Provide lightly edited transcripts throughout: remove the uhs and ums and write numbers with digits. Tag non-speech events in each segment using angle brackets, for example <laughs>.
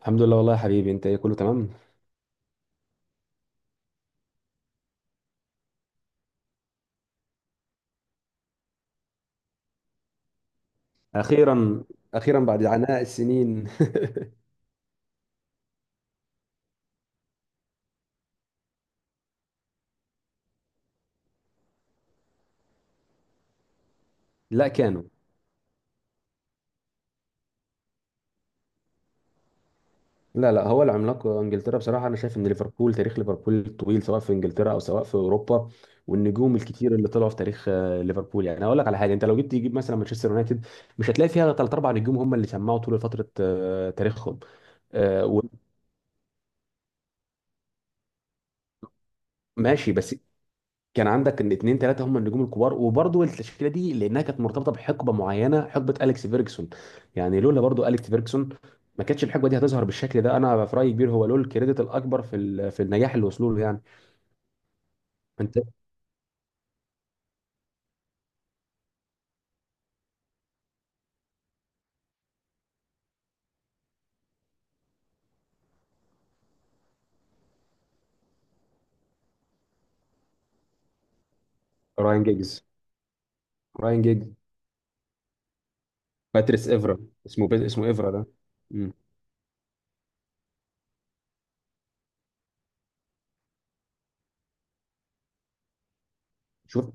الحمد لله والله يا حبيبي، انت ايه؟ كله تمام. اخيرا. اخيرا بعد عناء السنين. <laughs> لا كانوا. لا لا، هو العملاق انجلترا بصراحه. انا شايف ان ليفربول، تاريخ ليفربول الطويل سواء في انجلترا او سواء في اوروبا والنجوم الكتير اللي طلعوا في تاريخ ليفربول. يعني اقول لك على حاجه، انت لو جيت تجيب مثلا مانشستر يونايتد مش هتلاقي فيها ثلاث اربع نجوم هم اللي شمعوا طول فتره تاريخهم. آه، وماشي، بس كان عندك ان اتنين تلاته هم النجوم الكبار. وبرضه التشكيله دي لانها كانت مرتبطه بحقبه معينه، حقبه اليكس فيرجسون. يعني لولا برضه اليكس فيرجسون ما كانتش الحقبه دي هتظهر بالشكل ده. انا في رايي كبير، هو له الكريدت الاكبر في في النجاح اللي وصلوا له يعني. انت راين جيجز. راين جيجز. باتريس افرا. اسمه افرا ده. مم. شوف.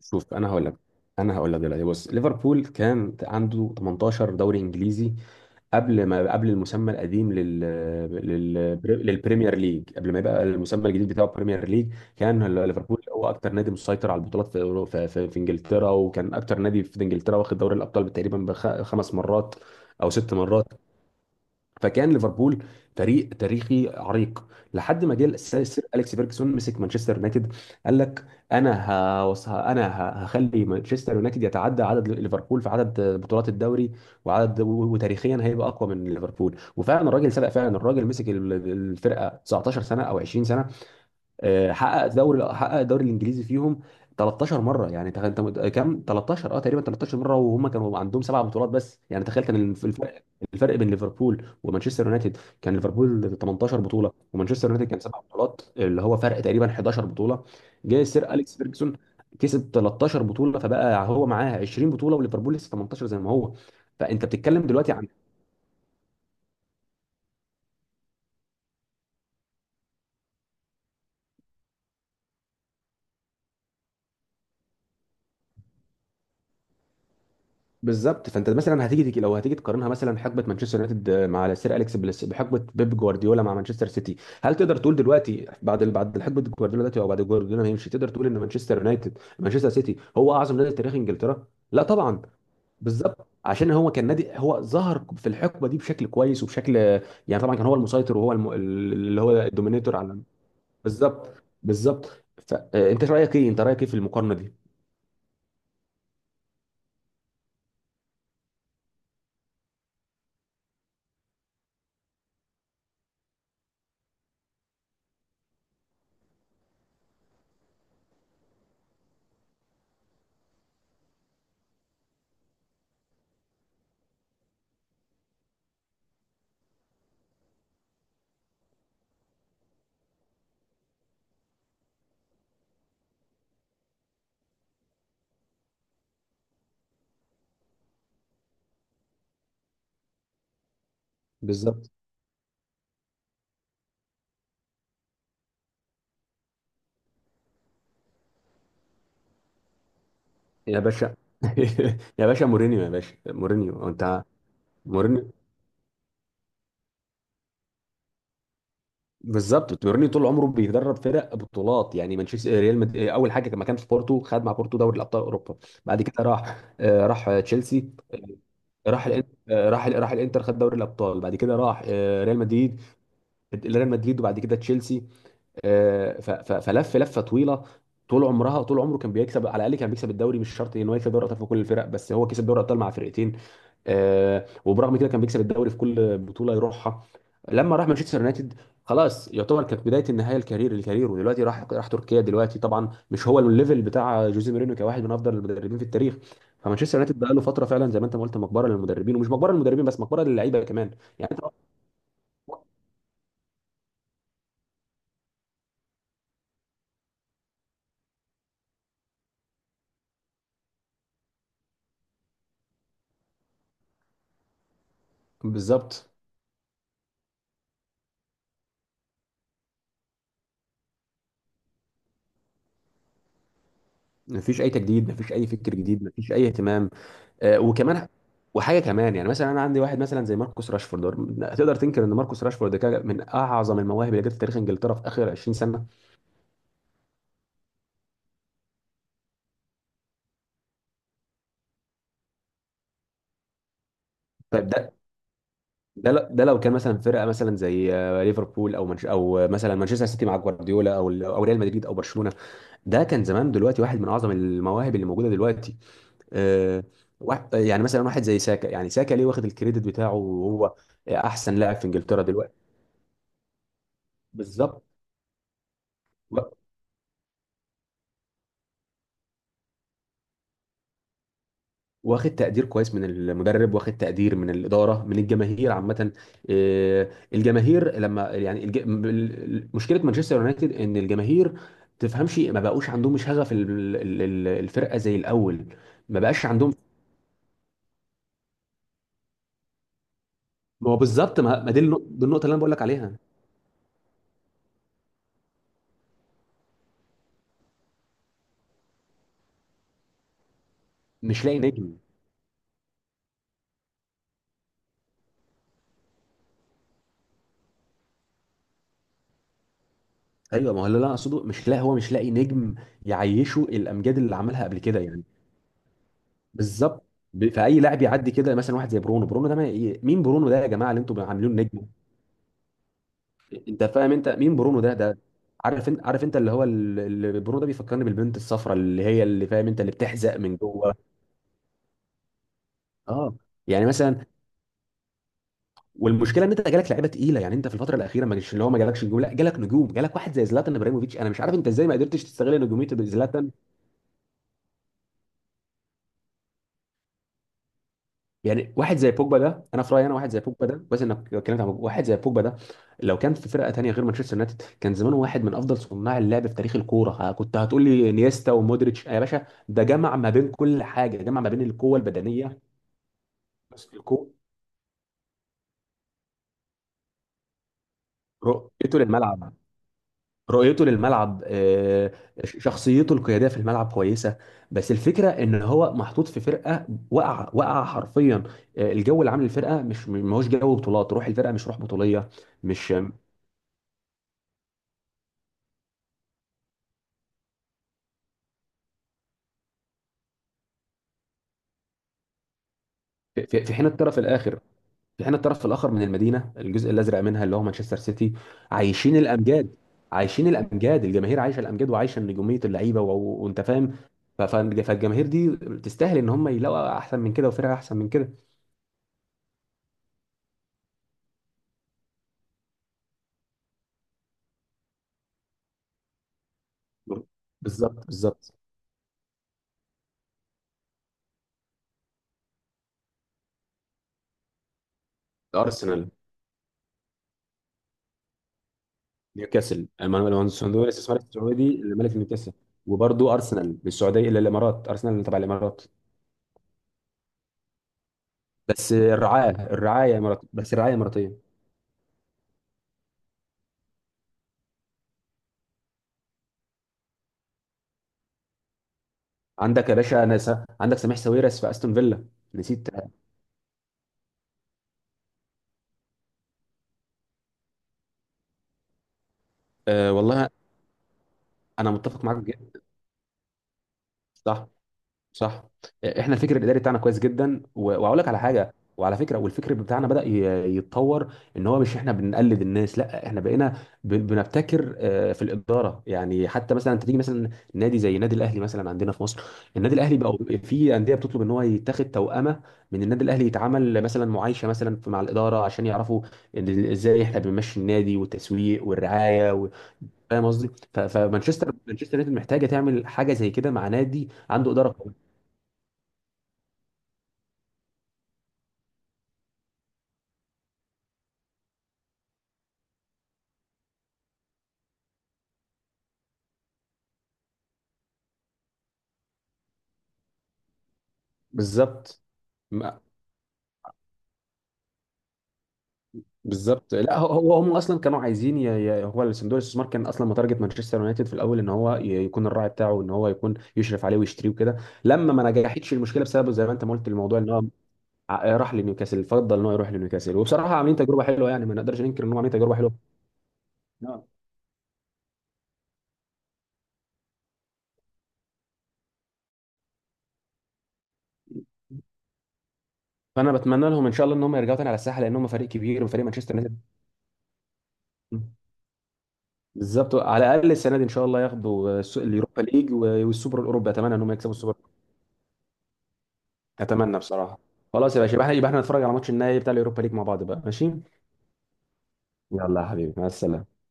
شوف، انا هقول لك. انا هقول لك دلوقتي. بص ليفربول كان عنده 18 دوري انجليزي قبل ما، قبل المسمى القديم لل... للبريمير ليج، قبل ما يبقى المسمى الجديد بتاعه بريمير ليج. كان ليفربول هو اكتر نادي مسيطر على البطولات في في انجلترا، وكان اكتر نادي في انجلترا واخد دوري الابطال تقريبا 5 مرات او 6 مرات. فكان ليفربول فريق تاريخي عريق لحد ما جه السير، سير اليكس فيرجسون، مسك مانشستر يونايتد. قال لك: انا هخلي مانشستر يونايتد يتعدى عدد ليفربول في عدد بطولات الدوري وعدد وتاريخيا هيبقى اقوى من ليفربول. وفعلا الراجل سبق، فعلا الراجل مسك الفرقه 19 سنه او 20 سنه. حقق الدوري الانجليزي فيهم 13 مره. يعني كام؟ 13، اه تقريبا 13 مره. وهم كانوا عندهم 7 بطولات بس. يعني تخيل، كان الفرق، الفرق بين ليفربول ومانشستر يونايتد، كان ليفربول 18 بطوله ومانشستر يونايتد كان 7 بطولات، اللي هو فرق تقريبا 11 بطوله. جه السير اليكس فيرجسون كسب 13 بطوله، فبقى هو معاه 20 بطوله وليفربول لسه 18 زي ما هو. فانت بتتكلم دلوقتي. بالظبط. فانت مثلا لو هتيجي تقارنها مثلا حقبه مانشستر يونايتد مع سير اليكس بليس بحقبه بيب جوارديولا مع مانشستر سيتي، هل تقدر تقول دلوقتي بعد بعد حقبه جوارديولا دلوقتي، او بعد جوارديولا ما يمشي، تقدر تقول ان مانشستر سيتي هو اعظم نادي في تاريخ انجلترا؟ لا طبعا. بالظبط، عشان هو كان نادي، هو ظهر في الحقبه دي بشكل كويس وبشكل، يعني طبعا كان هو المسيطر وهو اللي هو الدومينيتور على. بالظبط. فانت رايك ايه انت رايك ايه في المقارنه دي؟ بالظبط يا باشا. <laughs> يا باشا مورينيو. انت مورينيو بالظبط. مورينيو طول عمره بيدرب فرق بطولات. يعني اول حاجه لما كان في بورتو خد مع بورتو دوري ابطال اوروبا. بعد كده راح، راح تشيلسي. آه، راح الإن- آه، راح راح الانتر، خد دوري الابطال. بعد كده راح ريال مدريد. ريال مدريد. وبعد كده تشيلسي. آه، ف... ف... فلف لفه طويله. طول عمره كان بيكسب على الاقل، كان بيكسب الدوري. مش شرط ان هو يكسب دوري الابطال في كل الفرق، بس هو كسب دوري الابطال مع فرقتين. وبرغم كده كان بيكسب الدوري في كل بطوله يروحها. لما راح مانشستر يونايتد خلاص، يعتبر كانت بدايه النهايه، الكارير. ودلوقتي راح، راح تركيا. دلوقتي طبعا مش هو الليفل بتاع جوزيه مورينيو كواحد من افضل المدربين في التاريخ. فمانشستر يونايتد بقى له فتره فعلا زي ما انت ما قلت، مقبره للمدربين. ومش مقبره للمدربين بس، مقبره للعيبه كمان. يعني أنت- بالظبط. مفيش اي تجديد، مفيش اي فكر جديد، مفيش اي اهتمام. آه، وكمان وحاجه كمان. يعني مثلا انا عندي واحد مثلا زي ماركوس راشفورد، تقدر تنكر ان ماركوس راشفورد كان من اعظم المواهب اللي جت في تاريخ انجلترا في اخر 20 سنه؟ طيب ده، ده لو كان مثلا فرقه مثلا زي ليفربول او منش او آه، مثلا مانشستر سيتي مع جوارديولا، او ريال مدريد او برشلونه، ده كان زمان دلوقتي واحد من اعظم المواهب اللي موجوده دلوقتي. آه، يعني مثلا واحد زي ساكا، يعني ساكا ليه واخد الكريدت بتاعه؟ وهو احسن لاعب في انجلترا دلوقتي. بالظبط. واخد تقدير كويس من المدرب، واخد تقدير من الاداره، من الجماهير عامه. الجماهير لما، يعني مشكله مانشستر يونايتد ان الجماهير تفهمش، ما بقوش عندهم شغف الفرقه زي الاول. ما بقاش عندهم. ما هو بالظبط. ما، ما دي دي النقطه اللي انا بقول لك عليها. مش لاقي نجم. ايوه ما هو اللي انا اقصده، مش لاقي، هو مش لاقي نجم يعيشه الامجاد اللي عملها قبل كده يعني. بالظبط. فاي لاعب يعدي كده مثلا واحد زي برونو. برونو ده ما... مين برونو ده يا جماعه اللي انتم عاملينه نجم؟ انت فاهم انت مين برونو ده ده؟ عارف انت، اللي هو ال- اللي برونو ده بيفكرني بالبنت الصفراء اللي هي، اللي فاهم انت، اللي بتحزق من جوه. اه. يعني مثلا، والمشكله ان انت جالك لعيبه تقيله. يعني انت في الفتره الاخيره ما جالش، اللي هو ما جالكش نجوم. لا، جالك نجوم. جالك واحد زي زلاتان ابراهيموفيتش، انا مش عارف انت ازاي ما قدرتش تستغل نجوميه زلاتان. يعني واحد زي بوجبا ده، انا في رايي انا، واحد زي بوجبا ده، بس انك اتكلمت عن بوجبا، واحد زي بوجبا ده لو كان في فرقه تانيه غير مانشستر يونايتد، كان زمانه واحد من افضل صناع اللعب في تاريخ الكوره. ها، كنت هتقول لي انيستا ومودريتش. يا باشا ده جمع ما بين كل حاجه، جمع ما بين القوه البدنيه، بس الكو رؤيته للملعب. رؤيته للملعب. شخصيته القياديه في الملعب كويسه. بس الفكره ان هو محطوط في فرقه، وقع حرفيا. الجو اللي عامل الفرقه مش ما هوش جو بطولات. روح الفرقه مش روح بطوليه. مش في في حين الطرف الاخر، في حين الطرف الاخر من المدينه، الجزء الازرق منها اللي هو مانشستر سيتي، عايشين الامجاد. عايشين الامجاد، الجماهير عايشه الامجاد وعايشه نجوميه اللعيبه وانت فاهم. فالجماهير دي تستاهل ان هم يلاقوا احسن من كده وفرقه احسن من كده. بالظبط. ارسنال، نيوكاسل. المانويل، الصندوق الاستثمار السعودي اللي ملك نيوكاسل. وبرضه ارسنال، من السعوديه الى الامارات، ارسنال تبع الامارات. بس الرعايه، الرعايه امارات بس الرعايه اماراتيه. عندك يا باشا انا س... عندك سميح ساويرس في استون فيلا. نسيت. آه والله. انا متفق معاك جدا. صح. صح. احنا الفكر الاداري بتاعنا كويس جدا. واقول لك على حاجه وعلى فكره، والفكر بتاعنا بدا يتطور. ان هو مش احنا بنقلد الناس، لا احنا بقينا بنبتكر في الاداره. يعني حتى مثلا انت تيجي مثلا نادي زي النادي الاهلي مثلا عندنا في مصر. النادي الاهلي بقى في انديه بتطلب ان هو يتاخد توأمه من النادي الاهلي، يتعمل مثلا معايشه مثلا مع الاداره عشان يعرفوا إن ازاي احنا بنمشي النادي والتسويق والرعايه فاهم قصدي. ف- فمانشستر مانشستر يونايتد محتاجه تعمل حاجه زي كده مع نادي عنده اداره. بالظبط. ما- بالظبط، لا هو، هم اصلا كانوا عايزين هو الصندوق الاستثمار كان اصلا متارجت مانشستر يونايتد في الاول ان هو يكون الراعي بتاعه، ان هو يكون يشرف عليه ويشتريه وكده. لما ما نجحتش المشكله بسبب زي ما انت ما قلت الموضوع ان هو راح لنيوكاسل، فضل ان هو يروح لنيوكاسل. وبصراحه عاملين تجربه حلوه يعني، ما نقدرش ننكر ان هم عاملين تجربه حلوه. نعم. فانا بتمنى لهم ان شاء الله ان هم يرجعوا تاني على الساحه، لان هم فريق كبير، وفريق مانشستر يونايتد بالظبط. على الاقل السنه دي ان شاء الله ياخدوا اليوروبا ليج والسوبر الاوروبي، اتمنى ان هم يكسبوا السوبر. اتمنى بصراحه. خلاص يا باشا، يبقى احنا نتفرج على ماتش النهائي بتاع اليوروبا ليج مع بعض بقى، ماشي؟ يلا يا حبيبي، مع السلامه.